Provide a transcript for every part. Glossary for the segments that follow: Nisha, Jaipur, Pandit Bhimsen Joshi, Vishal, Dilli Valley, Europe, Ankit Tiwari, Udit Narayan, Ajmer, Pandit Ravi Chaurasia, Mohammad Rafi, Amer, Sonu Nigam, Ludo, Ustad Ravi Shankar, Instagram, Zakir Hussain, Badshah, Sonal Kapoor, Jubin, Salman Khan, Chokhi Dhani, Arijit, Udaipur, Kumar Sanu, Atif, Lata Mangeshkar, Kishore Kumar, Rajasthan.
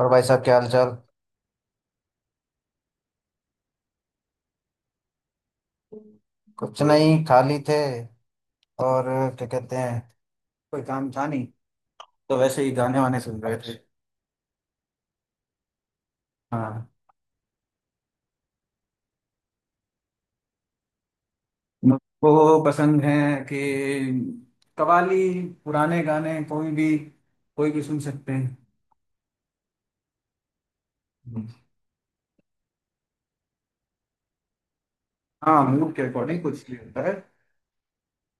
और भाई साहब क्या हाल चाल। कुछ नहीं, खाली थे और क्या कहते हैं, कोई काम था नहीं तो वैसे ही गाने वाने सुन रहे थे। हाँ, मुझको पसंद है कि कवाली, पुराने गाने, कोई भी, कोई भी सुन सकते हैं। हाँ, मूड के अकॉर्डिंग कुछ भी होता है।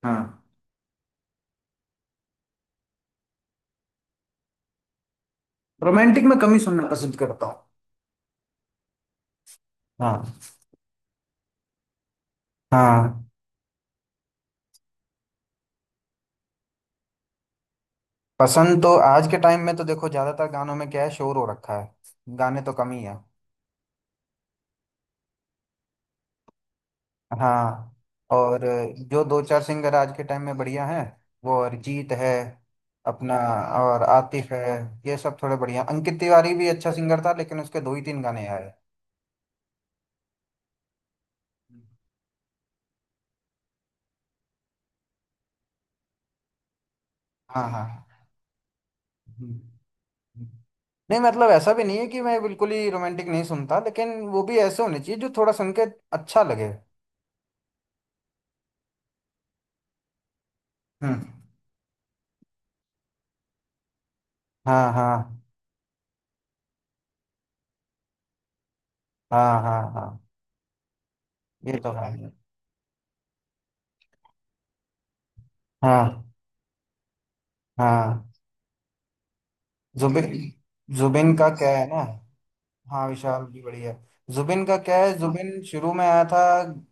हाँ, रोमांटिक में कम ही सुनना पसंद करता हूँ। हाँ। हाँ। पसंद तो आज के टाइम में तो देखो, ज्यादातर गानों में क्या है, शोर हो रखा है। गाने तो कम ही है। हाँ। और जो दो चार सिंगर आज के टाइम में बढ़िया हैं, वो अरिजीत है अपना, और आतिफ है। ये सब थोड़े बढ़िया। अंकित तिवारी भी अच्छा सिंगर था, लेकिन उसके दो ही तीन गाने आए। हाँ हाँ। हम्म, हम्म। नहीं, मतलब ऐसा भी नहीं है कि मैं बिल्कुल ही रोमांटिक नहीं सुनता, लेकिन वो भी ऐसे होने चाहिए जो थोड़ा सुन के अच्छा लगे। हम्म। हाँ हाँ हाँ। हाँ हाँ। ये तो है। हाँ हाँ। जुबिन। जुबिन का क्या है ना। हाँ, विशाल भी बढ़िया है। जुबिन का क्या है, जुबिन शुरू में आया था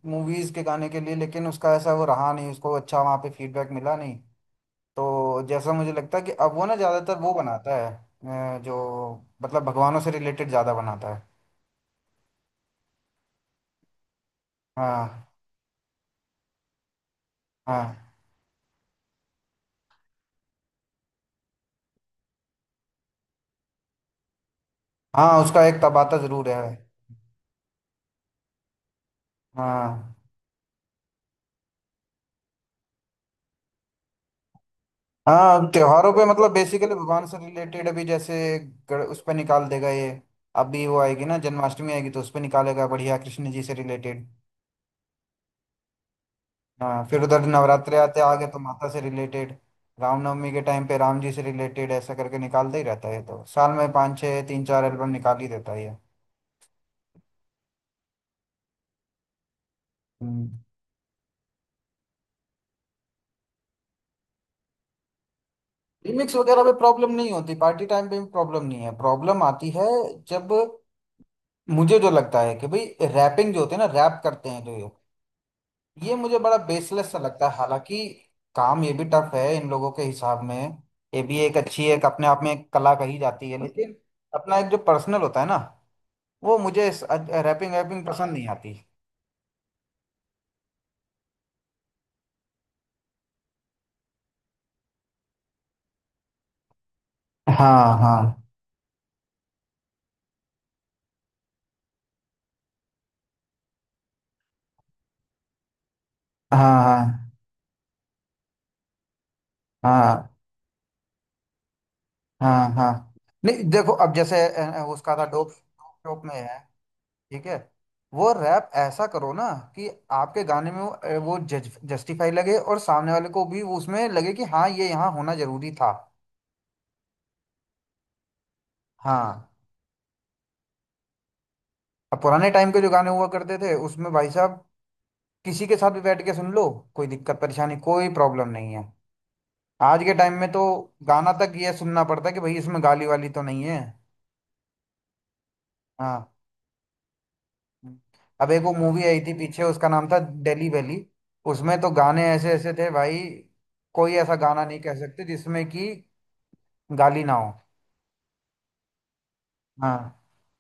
मूवीज के गाने के लिए, लेकिन उसका ऐसा वो रहा नहीं, उसको अच्छा वहाँ पे फीडबैक मिला नहीं। तो जैसा मुझे लगता है कि अब वो ना ज्यादातर वो बनाता है जो, मतलब भगवानों से रिलेटेड ज्यादा बनाता है। हाँ। हाँ, हाँ उसका एक तबाता जरूर है। हाँ, हाँ त्योहारों पे, मतलब बेसिकली भगवान से रिलेटेड। अभी जैसे उस पर निकाल देगा ये। अभी वो आएगी ना, जन्माष्टमी आएगी तो उस पर निकालेगा बढ़िया, कृष्ण जी से रिलेटेड। हाँ, फिर उधर नवरात्रे आते आगे तो माता से रिलेटेड, रामनवमी के टाइम पे राम जी से रिलेटेड, ऐसा करके निकालता ही रहता है। तो साल में पाँच छः तीन चार एल्बम निकाल ही देता है ये। हम्म। रिमिक्स वगैरह में प्रॉब्लम नहीं होती, पार्टी टाइम पे भी प्रॉब्लम नहीं है। प्रॉब्लम आती है जब, मुझे जो लगता है कि भाई, रैपिंग जो होती है ना, रैप करते हैं जो ये मुझे बड़ा बेसलेस सा लगता है। हालांकि काम ये भी टफ है इन लोगों के हिसाब में, ये भी एक अच्छी, एक अपने आप में एक कला कही जाती है, लेकिन अपना एक जो पर्सनल होता है ना, वो मुझे रैपिंग रैपिंग पसंद नहीं आती। हाँ हाँ हाँ हाँ हाँ हाँ हाँ। नहीं देखो, अब जैसे उसका था डोप। डोप में है, ठीक है। वो रैप ऐसा करो ना कि आपके गाने में वो वो जस्टिफाई लगे, और सामने वाले को भी वो उसमें लगे कि हाँ, ये यहाँ होना जरूरी था। हाँ। अब पुराने टाइम के जो गाने हुआ करते थे उसमें, भाई साहब, किसी के साथ भी बैठ के सुन लो, कोई दिक्कत परेशानी, कोई प्रॉब्लम नहीं है। आज के टाइम में तो गाना तक ये सुनना पड़ता है कि भाई, इसमें गाली वाली तो नहीं है। हाँ। अब एक वो मूवी आई थी पीछे, उसका नाम था दिल्ली वैली। उसमें तो गाने ऐसे ऐसे थे भाई, कोई ऐसा गाना नहीं कह सकते जिसमें कि गाली ना हो। हाँ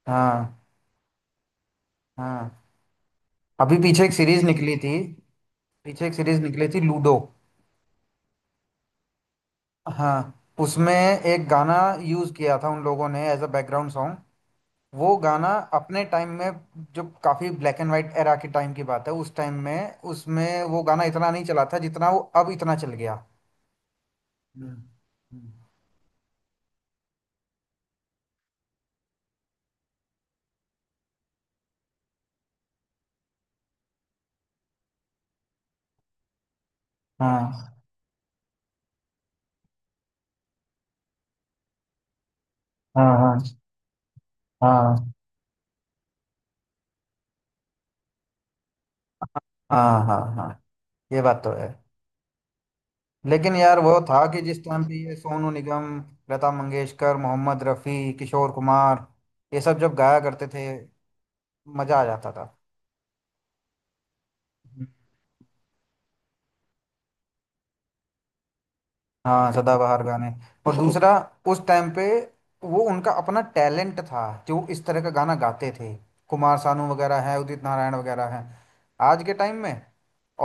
हाँ। हाँ। अभी पीछे एक सीरीज निकली थी, पीछे एक सीरीज निकली थी लूडो। हाँ, उसमें एक गाना यूज किया था उन लोगों ने एज अ बैकग्राउंड सॉन्ग। वो गाना अपने टाइम में, जो काफी ब्लैक एंड वाइट एरा के टाइम की बात है, उस टाइम में उसमें वो गाना इतना नहीं चला था जितना वो अब इतना चल गया। हम्म। हम्म। हाँ हाँ हाँ हाँ हाँ हाँ हाँ। ये बात तो है, लेकिन यार वो था कि जिस टाइम पे ये सोनू निगम, लता मंगेशकर, मोहम्मद रफ़ी, किशोर कुमार, ये सब जब गाया करते थे, मजा आ जाता था। हाँ, सदाबहार गाने। और दूसरा, उस टाइम पे वो उनका अपना टैलेंट था जो वो इस तरह का गाना गाते थे। कुमार सानू वगैरह हैं, उदित नारायण वगैरह हैं। आज के टाइम में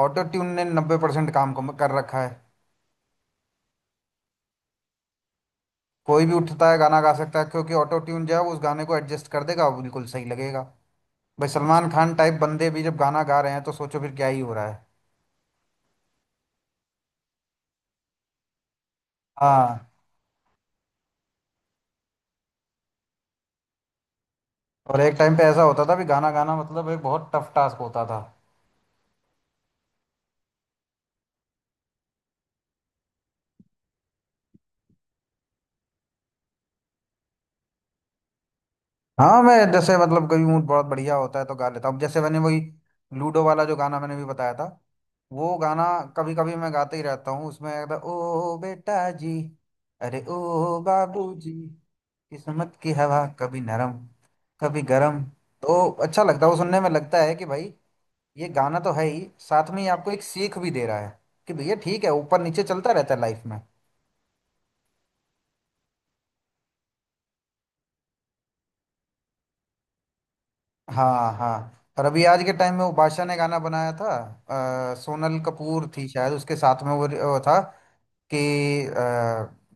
ऑटो ट्यून ने 90% काम कर रखा है। कोई भी उठता है गाना गा सकता है, क्योंकि ऑटो ट्यून जो है वो उस गाने को एडजस्ट कर देगा, वो बिल्कुल सही लगेगा। भाई, सलमान खान टाइप बंदे भी जब गाना गा रहे हैं, तो सोचो फिर क्या ही हो रहा है। हाँ। और एक टाइम पे ऐसा होता था भी, गाना गाना मतलब एक बहुत टफ टास्क होता था। हाँ, मैं जैसे, मतलब कभी मूड बहुत बढ़िया होता है तो गा लेता हूँ। जैसे मैंने वही लूडो वाला जो गाना मैंने भी बताया था, वो गाना कभी कभी मैं गाते ही रहता हूँ, उसमें कहता ओ बेटा जी, अरे ओ बाबू जी, किस्मत की हवा कभी नरम कभी गरम। तो अच्छा लगता है वो सुनने में, लगता है कि भाई, ये गाना तो है ही, साथ में ये आपको एक सीख भी दे रहा है कि भैया ठीक है, ऊपर नीचे चलता रहता है लाइफ में। हाँ। हाँ। और अभी आज के टाइम में वो बादशाह ने गाना बनाया था, सोनल कपूर थी शायद उसके साथ में, वो था कि अ,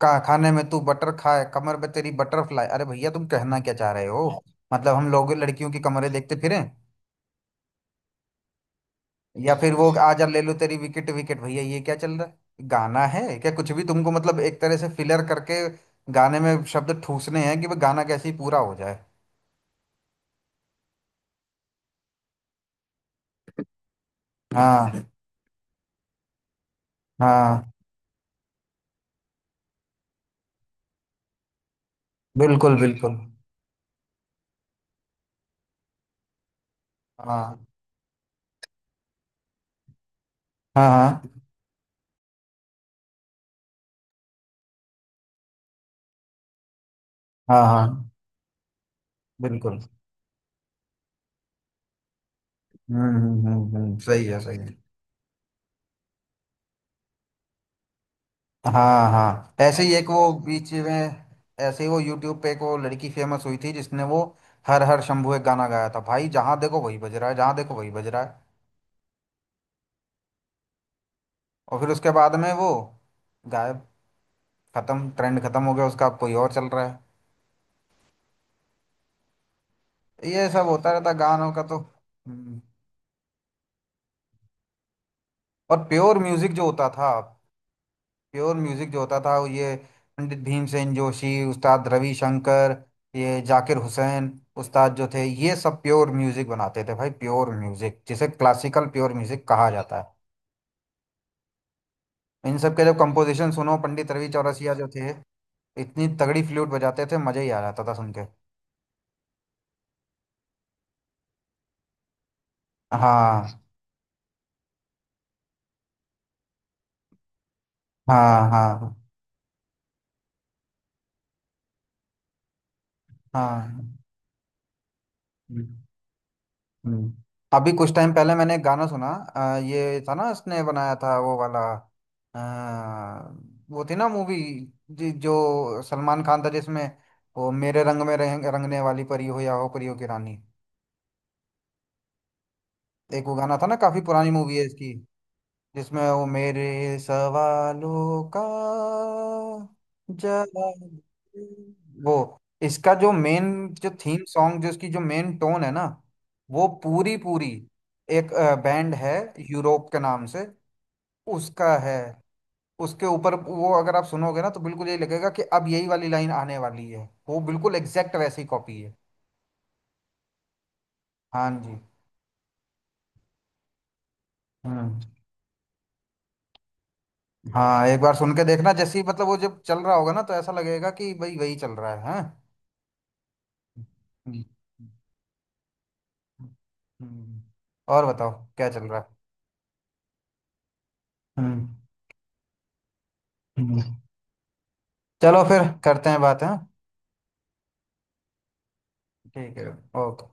का खाने में तू बटर खाए, कमर पे तेरी बटरफ्लाई। अरे भैया, तुम कहना क्या चाह रहे हो, मतलब हम लोग लड़कियों की कमरे देखते फिरें, या फिर वो आजा ले लो तेरी विकेट विकेट। भैया, ये क्या चल रहा है गाना है क्या, कुछ भी, तुमको मतलब एक तरह से फिलर करके गाने में शब्द ठूसने हैं कि वो गाना कैसे ही पूरा हो जाए। हाँ हाँ। बिल्कुल बिल्कुल। हाँ हाँ हाँ हाँ हाँ। बिल्कुल। सही है सही है। हाँ हाँ, ऐसे ही एक वो बीच में, ऐसे ही वो यूट्यूब पे एक वो लड़की फेमस हुई थी जिसने वो हर हर शंभू एक गाना गाया था, भाई जहाँ देखो वही बज रहा है, जहाँ देखो वही बज रहा है। और फिर उसके बाद में वो गायब, खत्म, ट्रेंड खत्म हो गया उसका, अब कोई और चल रहा है। ये सब होता रहता गानों का तो। हम्म। और प्योर म्यूजिक जो होता था, प्योर म्यूजिक जो होता था वो ये पंडित भीमसेन जोशी, उस्ताद रविशंकर, ये जाकिर हुसैन उस्ताद जो थे, ये सब प्योर म्यूजिक बनाते थे भाई, प्योर म्यूजिक, जिसे क्लासिकल प्योर म्यूजिक कहा जाता है। इन सब के जब कंपोजिशन सुनो, पंडित रवि चौरसिया जो थे, इतनी तगड़ी फ्लूट बजाते थे, मजा ही आ जाता था सुन के। हाँ हाँ हाँ हाँ। हम्म। अभी कुछ टाइम पहले मैंने एक गाना सुना, ये था ना, इसने बनाया था वो वाला, अ, वो थी ना मूवी जो सलमान खान था जिसमें, वो मेरे रंग में रंग, रंगने वाली परी हो या हो परियों की रानी। एक वो गाना था ना, काफी पुरानी मूवी है इसकी, जिसमें वो मेरे सवालों का जवाब दे। वो इसका जो मेन, जो थीम सॉन्ग जो इसकी, जो मेन टोन है ना, वो पूरी पूरी एक बैंड है यूरोप के नाम से, उसका है। उसके ऊपर वो, अगर आप सुनोगे ना, तो बिल्कुल यही लगेगा कि अब यही वाली लाइन आने वाली है, वो बिल्कुल एग्जैक्ट वैसी कॉपी है। हाँ जी। हम्म। हाँ, एक बार सुन के देखना, जैसे ही मतलब वो जब चल रहा होगा ना तो ऐसा लगेगा कि भाई वही चल रहा है। हाँ। हम्म। हम्म। और बताओ क्या चल रहा है। हम्म। हम्म। चलो फिर करते हैं बात है। ठीक है। ओके।